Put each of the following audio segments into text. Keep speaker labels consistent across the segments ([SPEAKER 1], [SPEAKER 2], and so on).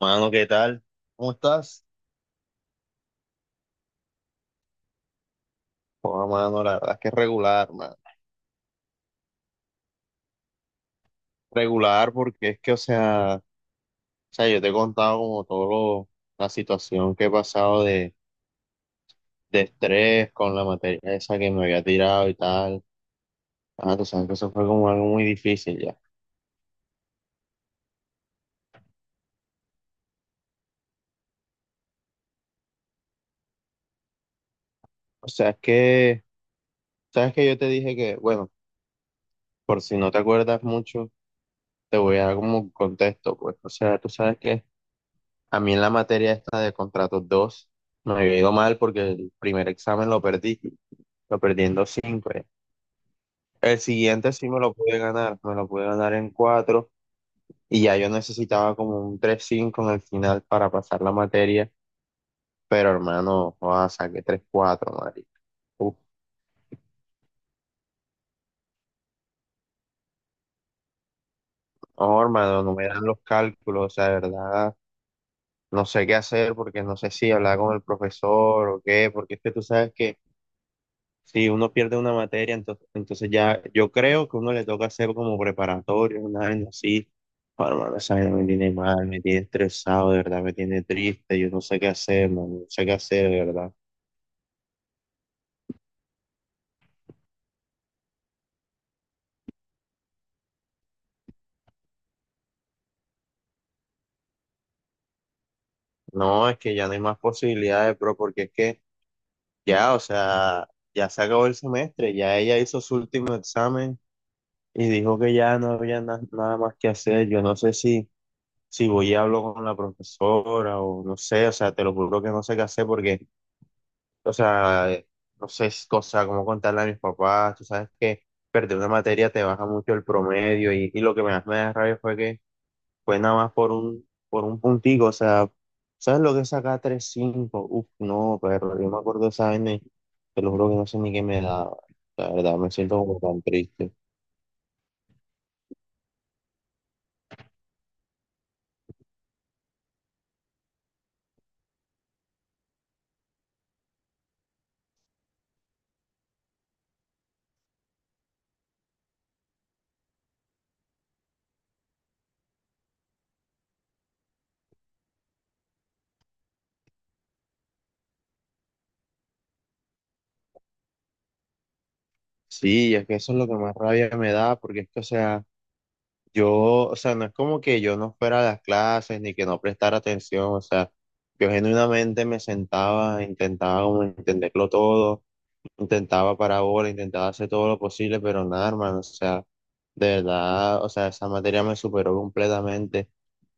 [SPEAKER 1] Mano, ¿qué tal? ¿Cómo estás? Oh, mano, la verdad es que es regular, mano. Regular porque es que, o sea, yo te he contado como todo la situación que he pasado de estrés con la materia esa que me había tirado y tal. Ah, tú sabes que eso fue como algo muy difícil ya. O sea, es que, sabes que yo te dije que, bueno, por si no te acuerdas mucho, te voy a dar como un contexto, pues. O sea, tú sabes que a mí en la materia esta de contratos 2 me había ido mal porque el primer examen lo perdí. Lo perdiendo 5 ya. El siguiente sí me lo pude ganar, me lo pude ganar en 4 y ya yo necesitaba como un tres cinco en el final para pasar la materia, pero hermano, joda, saqué tres cuatro marica. Uf, no, hermano, no me dan los cálculos, o sea, de verdad, no sé qué hacer porque no sé si hablar con el profesor o qué, porque es que tú sabes que si uno pierde una materia, entonces ya yo creo que uno le toca hacer como preparatorio, una vaina así. Oh, hermano, esa vaina me tiene mal, me tiene estresado, de verdad, me tiene triste, yo no sé qué hacer, man, no sé qué hacer, de verdad. No, es que ya no hay más posibilidades, bro, porque es que ya, o sea, ya se acabó el semestre, ya ella hizo su último examen y dijo que ya no había nada más que hacer. Yo no sé si voy y hablo con la profesora o no sé, o sea, te lo juro que no sé qué hacer porque, o sea, no sé, es cosa como contarle a mis papás, tú sabes que perder una materia te baja mucho el promedio, y lo que más me da rabia fue que fue nada más por un puntico, o sea, ¿sabes lo que es sacar tres cinco? Uf. No, pero yo me acuerdo de esa vaina y te lo juro que no sé ni qué me daba, la verdad, me siento como tan triste. Sí, es que eso es lo que más rabia me da, porque es que, o sea... Yo, o sea, no es como que yo no fuera a las clases ni que no prestara atención, o sea, yo genuinamente me sentaba, intentaba como entenderlo todo, intentaba parábola, intentaba hacer todo lo posible, pero nada, hermano, o sea, de verdad, o sea, esa materia me superó completamente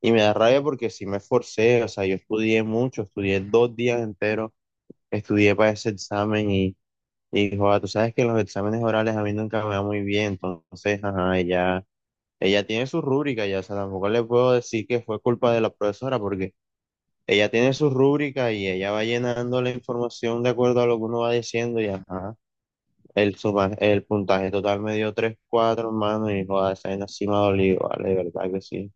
[SPEAKER 1] y me da rabia porque sí me esforcé, o sea, yo estudié mucho, estudié dos días enteros, estudié para ese examen y joda, tú sabes que los exámenes orales a mí nunca me va muy bien, entonces, ajá, ya. Ella tiene su rúbrica, ya, o sea, tampoco le puedo decir que fue culpa de la profesora, porque ella tiene su rúbrica y ella va llenando la información de acuerdo a lo que uno va diciendo y ajá, el puntaje total me dio tres cuatro, hermano, y joder, esa vaina sí me ha dolido, vale, de verdad que sí.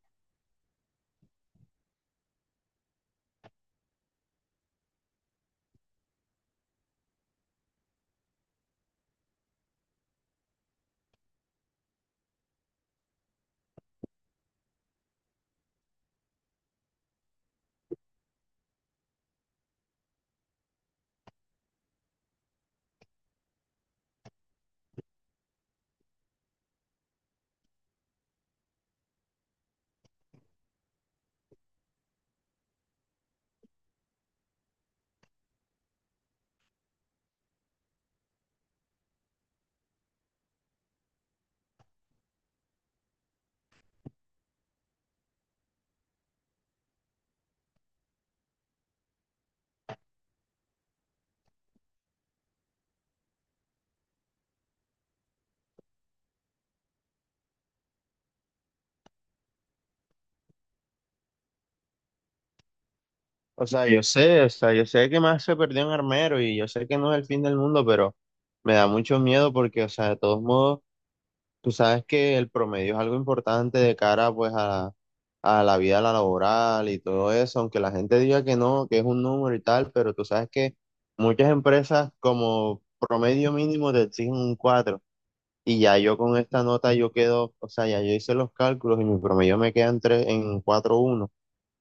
[SPEAKER 1] O sea, yo sé, o sea, yo sé que más se perdió en Armero y yo sé que no es el fin del mundo, pero me da mucho miedo porque, o sea, de todos modos... Tú sabes que el promedio es algo importante de cara pues a la vida laboral y todo eso, aunque la gente diga que no, que es un número y tal, pero tú sabes que muchas empresas como promedio mínimo te exigen un cuatro, y ya yo con esta nota yo quedo, o sea, ya yo hice los cálculos y mi promedio me queda en en 4.1,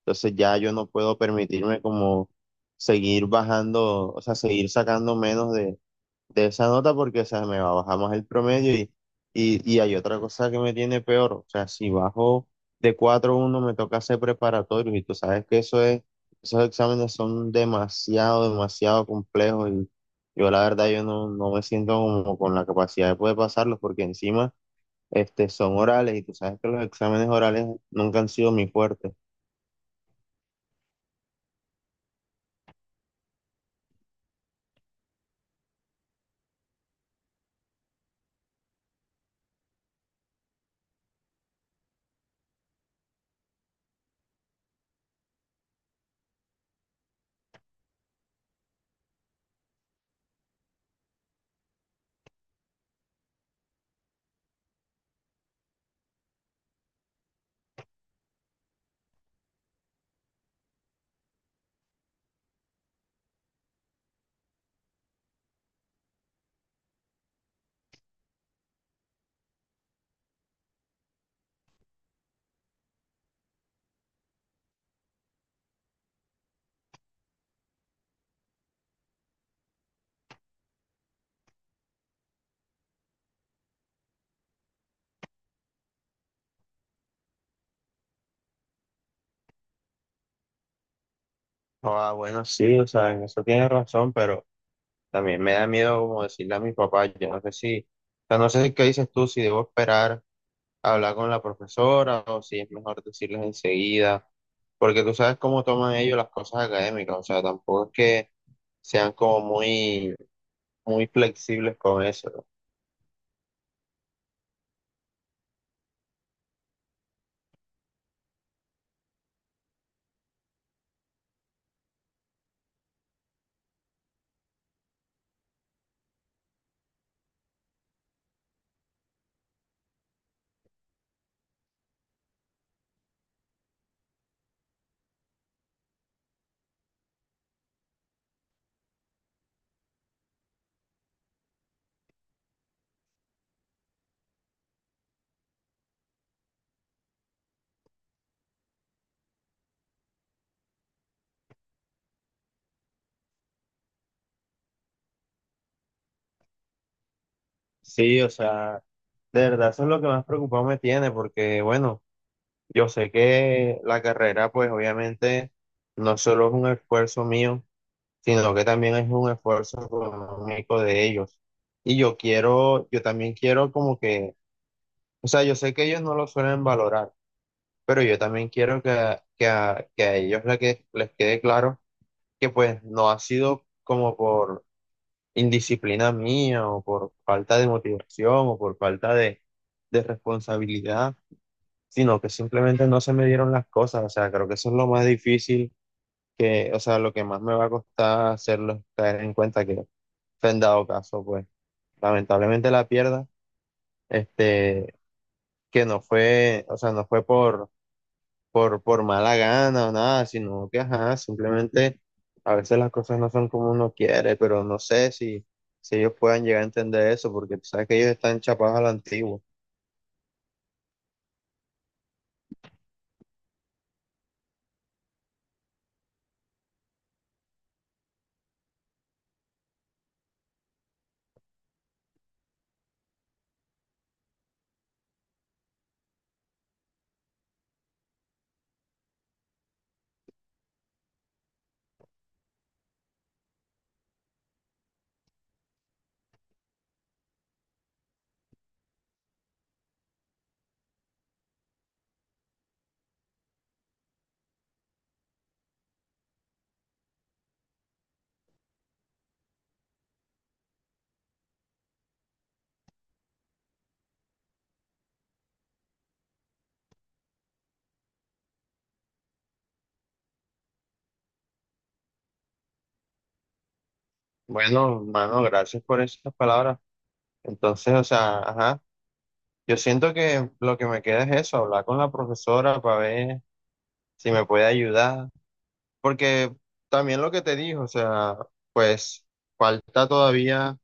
[SPEAKER 1] entonces ya yo no puedo permitirme como seguir bajando, o sea, seguir sacando menos de esa nota porque, o sea, me va a bajar más el promedio, y hay otra cosa que me tiene peor, o sea, si bajo de 4 uno me toca hacer preparatorios, y tú sabes que eso es, esos exámenes son demasiado, demasiado complejos, y yo la verdad yo no me siento como con la capacidad de poder pasarlos porque encima son orales y tú sabes que los exámenes orales nunca han sido mi fuerte. Ah, bueno, sí, o sea, en eso tienes razón, pero... También me da miedo como decirle a mis papás, yo no sé si, o sea, no sé si qué dices tú, si debo esperar a hablar con la profesora o si es mejor decirles enseguida, porque tú sabes cómo toman ellos las cosas académicas, o sea, tampoco es que sean como muy, muy flexibles con eso. ¿No? Sí, o sea, de verdad eso es lo que más preocupado me tiene, porque bueno, yo sé que la carrera pues obviamente no solo es un esfuerzo mío, sino que también es un esfuerzo económico de ellos. Y yo quiero, yo también quiero como que, o sea, yo sé que ellos no lo suelen valorar, pero yo también quiero que, que a ellos les quede claro que pues no ha sido como por indisciplina mía o por falta de motivación o por falta de responsabilidad, sino que simplemente no se me dieron las cosas. O sea, creo que eso es lo más difícil que, o sea, lo que más me va a costar hacerlos caer en cuenta que fue en dado caso, pues lamentablemente la pierda, este, que no fue, o sea, no fue por mala gana o nada, sino que, ajá, simplemente a veces las cosas no son como uno quiere, pero no sé si ellos puedan llegar a entender eso, porque tú sabes que ellos están chapados a la antigua. Bueno, mano, gracias por esas palabras. Entonces, o sea, ajá, yo siento que lo que me queda es eso, hablar con la profesora para ver si me puede ayudar. Porque también lo que te dijo, o sea, pues falta todavía,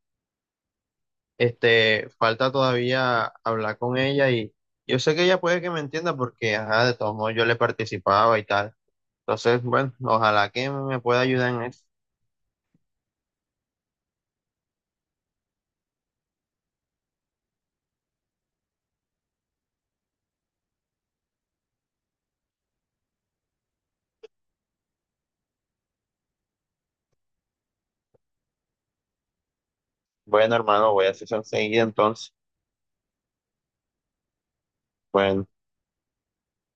[SPEAKER 1] falta todavía hablar con ella, y yo sé que ella puede que me entienda porque, ajá, de todos modos yo le participaba y tal. Entonces, bueno, ojalá que me pueda ayudar en eso. Bueno, hermano, voy a hacer eso enseguida entonces. Bueno.